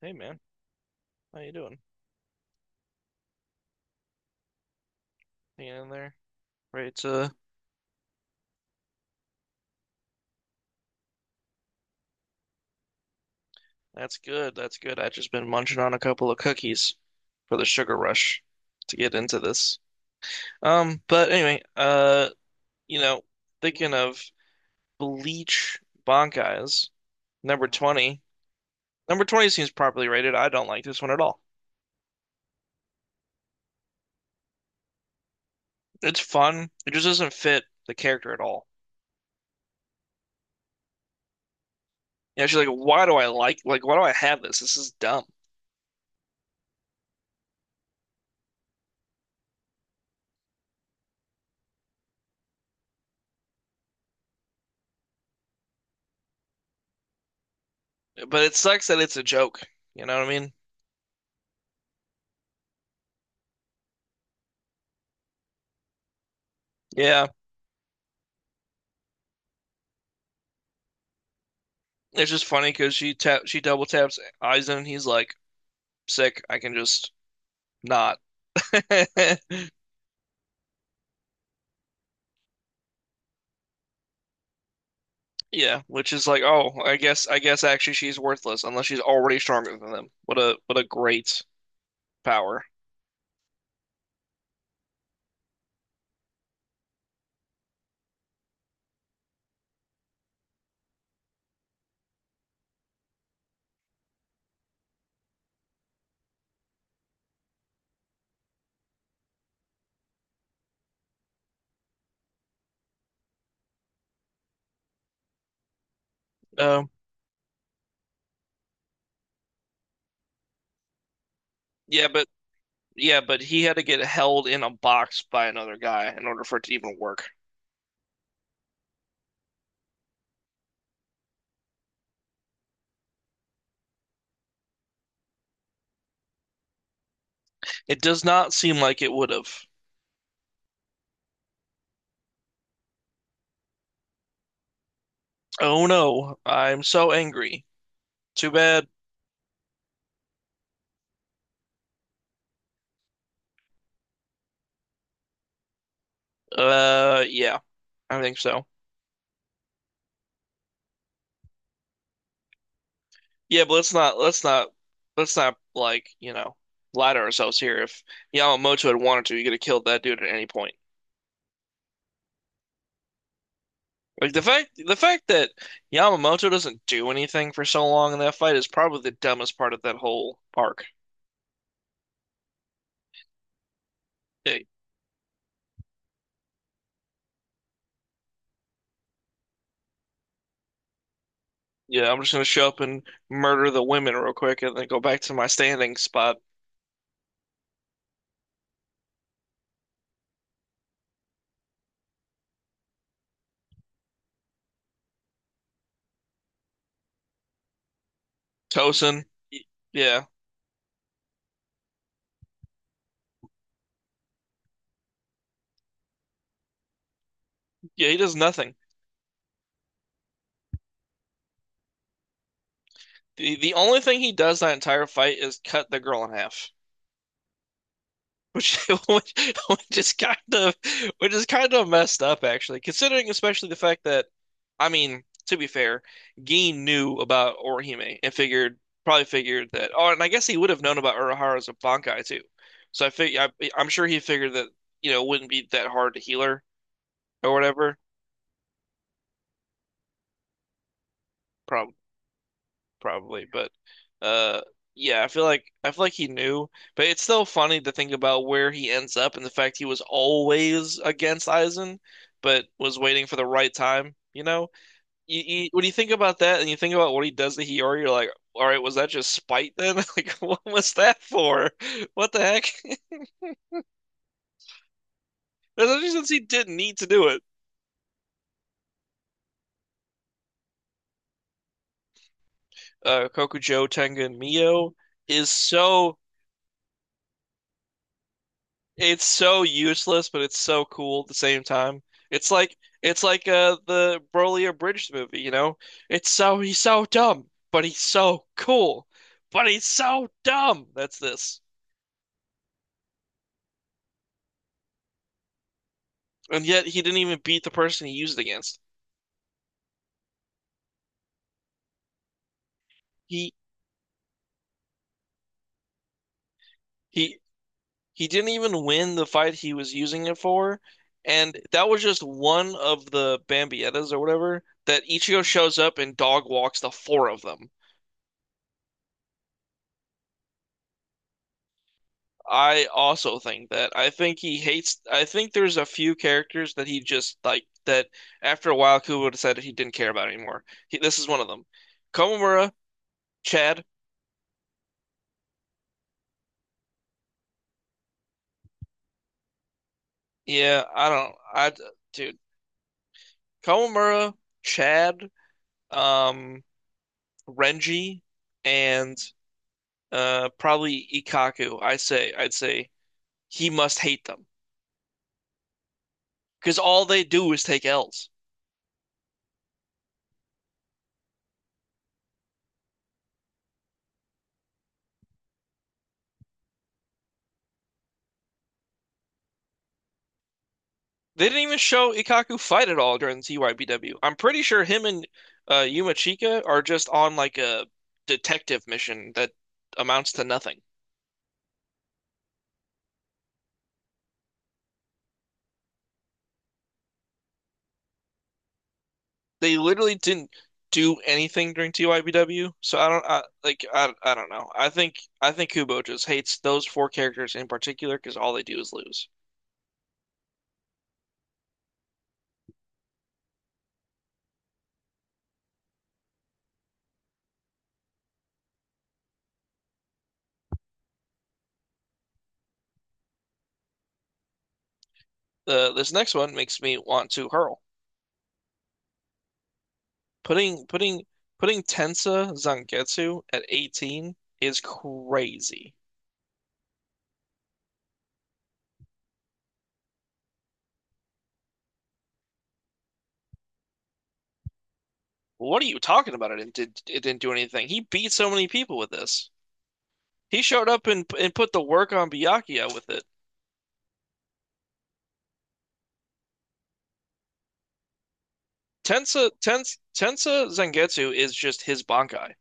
Hey man, how you doing? Hanging in there? Right, uh, that's good. That's good. I've just been munching on a couple of cookies for the sugar rush to get into this. But anyway, you know, thinking of Bleach Bankai's number 20. Number 20 seems properly rated. I don't like this one at all. It's fun. It just doesn't fit the character at all. You know, she's like, why do I like why do I have this? This is dumb. But it sucks that it's a joke. You know what I mean? Yeah, it's just funny because she double taps Aizen and he's like, sick, I can just not. Yeah, which is like, oh, I guess actually she's worthless unless she's already stronger than them. What a great power. Um, yeah, but yeah, but he had to get held in a box by another guy in order for it to even work. It does not seem like it would have. Oh no, I'm so angry. Too bad. Yeah, I think so. Yeah, but let's not like, you know, lie to ourselves here. If Yamamoto had wanted to, he could have killed that dude at any point. Like the fact that Yamamoto doesn't do anything for so long in that fight is probably the dumbest part of that whole arc. Hey, yeah, I'm just gonna show up and murder the women real quick and then go back to my standing spot. Tosin, y- yeah, yeah, he does nothing. The only thing he does that entire fight is cut the girl in half. Which, which which is kind of messed up actually, considering especially the fact that I mean, to be fair, Gin knew about Orihime and figured probably figured that oh, and I guess he would have known about Urahara's Bankai too. So I fig I, I'm sure he figured that, you know, it wouldn't be that hard to heal her or whatever. Probably, but uh yeah, I feel like he knew, but it's still funny to think about where he ends up and the fact he was always against Aizen, but was waiting for the right time, you know? When you think about that and you think about what he does to Hiyori, you're like, all right, was that just spite then? Like, what was that for? What the heck? Especially since he didn't need to do it. Kokujo Tengen Mio is so it's so useless, but it's so cool at the same time. It's like it's like the Broly Abridged movie, you know? It's so He's so dumb, but he's so cool. But he's so dumb. That's this. And yet he didn't even beat the person he used it against. He he he didn't even win the fight he was using it for. And that was just one of the Bambiettas or whatever that Ichigo shows up and dog walks the four of them. I also think that. I think he hates. I think there's a few characters that he just like that. After a while, Kubo decided he didn't care about anymore. He, this is one of them. Komamura, Chad. Yeah, I don't. I dude, Komamura, Chad, um, Renji, and probably Ikaku. I'd say he must hate them because all they do is take L's. They didn't even show Ikaku fight at all during the TYBW. I'm pretty sure him and Yuma Chika are just on like a detective mission that amounts to nothing. They literally didn't do anything during TYBW, so I don't know. I think Kubo just hates those four characters in particular because all they do is lose. This next one makes me want to hurl. Putting putting putting Tensa Zangetsu at 18 is crazy. What are you talking about? It didn't do anything. He beat so many people with this. He showed up and put the work on Byakuya with it. Tensa Zangetsu is just his Bankai.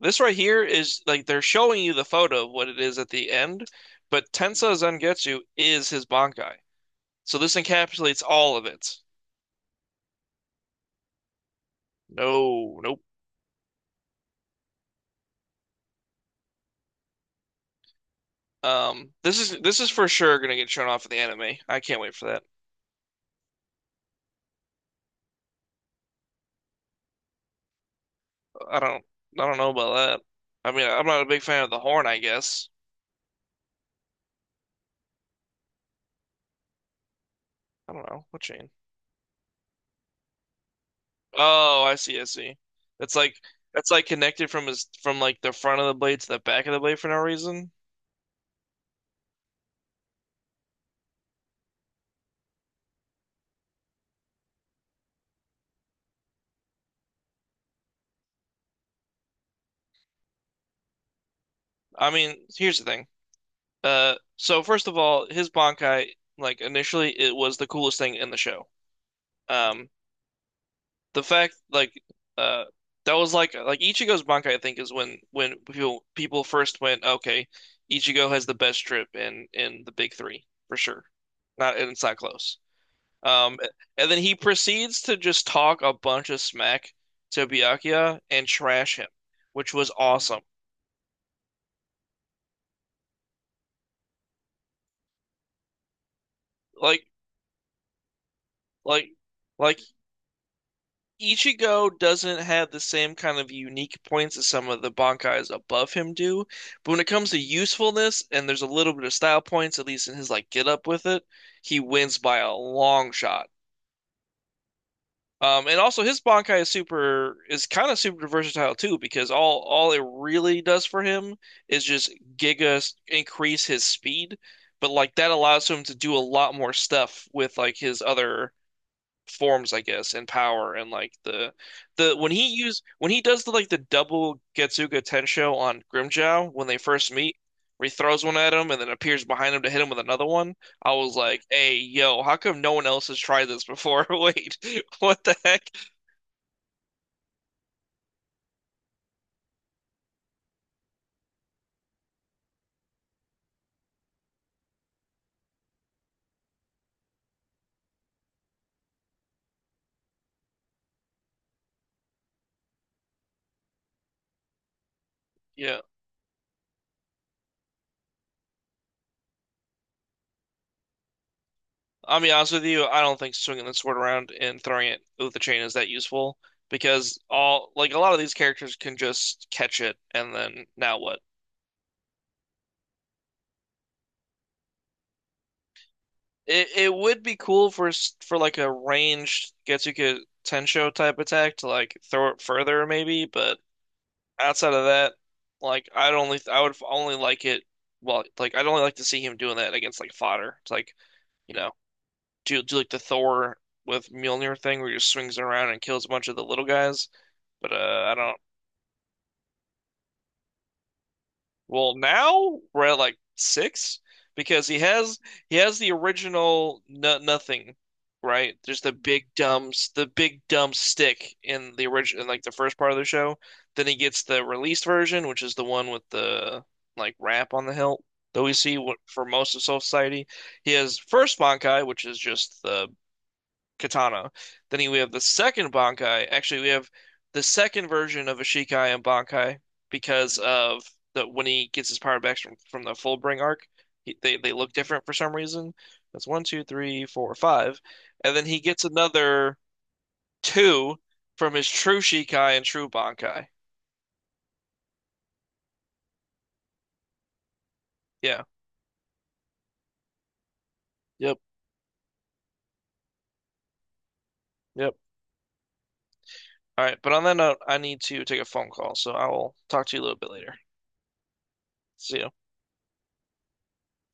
This right here is like they're showing you the photo of what it is at the end, but Tensa Zangetsu is his Bankai. So this encapsulates all of it. No, nope. This is for sure gonna get shown off in the anime. I can't wait for that. I don't I don't know about that. I mean, I'm not a big fan of the horn, I guess. I don't know. What chain? Oh, I see, I see. That's like that's connected from his from like the front of the blade to the back of the blade for no reason. I mean, here's the thing. So first of all, his Bankai, like initially, it was the coolest thing in the show. Um, the fact like uh that was like Ichigo's Bankai, I think, is when people first went, okay, Ichigo has the best trip in the big three for sure. Not and it's not close. Um, and then he proceeds to just talk a bunch of smack to Byakuya and trash him, which was awesome. Like, like, like, Ichigo doesn't have the same kind of unique points as some of the Bankais above him do, but when it comes to usefulness and there's a little bit of style points, at least in his like get up with it, he wins by a long shot. And also his Bankai is kind of super versatile too because all it really does for him is just increase his speed, but like that allows him to do a lot more stuff with like his other forms, I guess, and power and like the when he use when he does the like the double Getsuga Tensho on Grimjow when they first meet, where he throws one at him and then appears behind him to hit him with another one. I was like, "Hey, yo, how come no one else has tried this before?" Wait, what the heck? Yeah. I'll be honest with you, I don't think swinging the sword around and throwing it with the chain is that useful because all like a lot of these characters can just catch it and then now what? It would be cool for for like a ranged Getsuka Tensho type attack to like throw it further maybe, but outside of that, I would only like it well like I'd only like to see him doing that against like fodder. It's like you know, do like the Thor with Mjolnir thing where he just swings it around and kills a bunch of the little guys. But I don't. Well, now we're at like six because he has the original no, nothing, right? There's the the big dumb stick in the original in like the first part of the show. Then he gets the released version, which is the one with the like wrap on the hilt that we see for most of Soul Society. He has first Bankai, which is just the katana. Then we have the second Bankai. Actually, we have the second version of Ishikai and Bankai because of the when he gets his power back from the Fullbring arc, they look different for some reason. That's one, two, three, four, five, and then he gets another two from his true Shikai and true Bankai. Yeah. Yep. Yep. All right. But on that note, I need to take a phone call, so I will talk to you a little bit later. See you.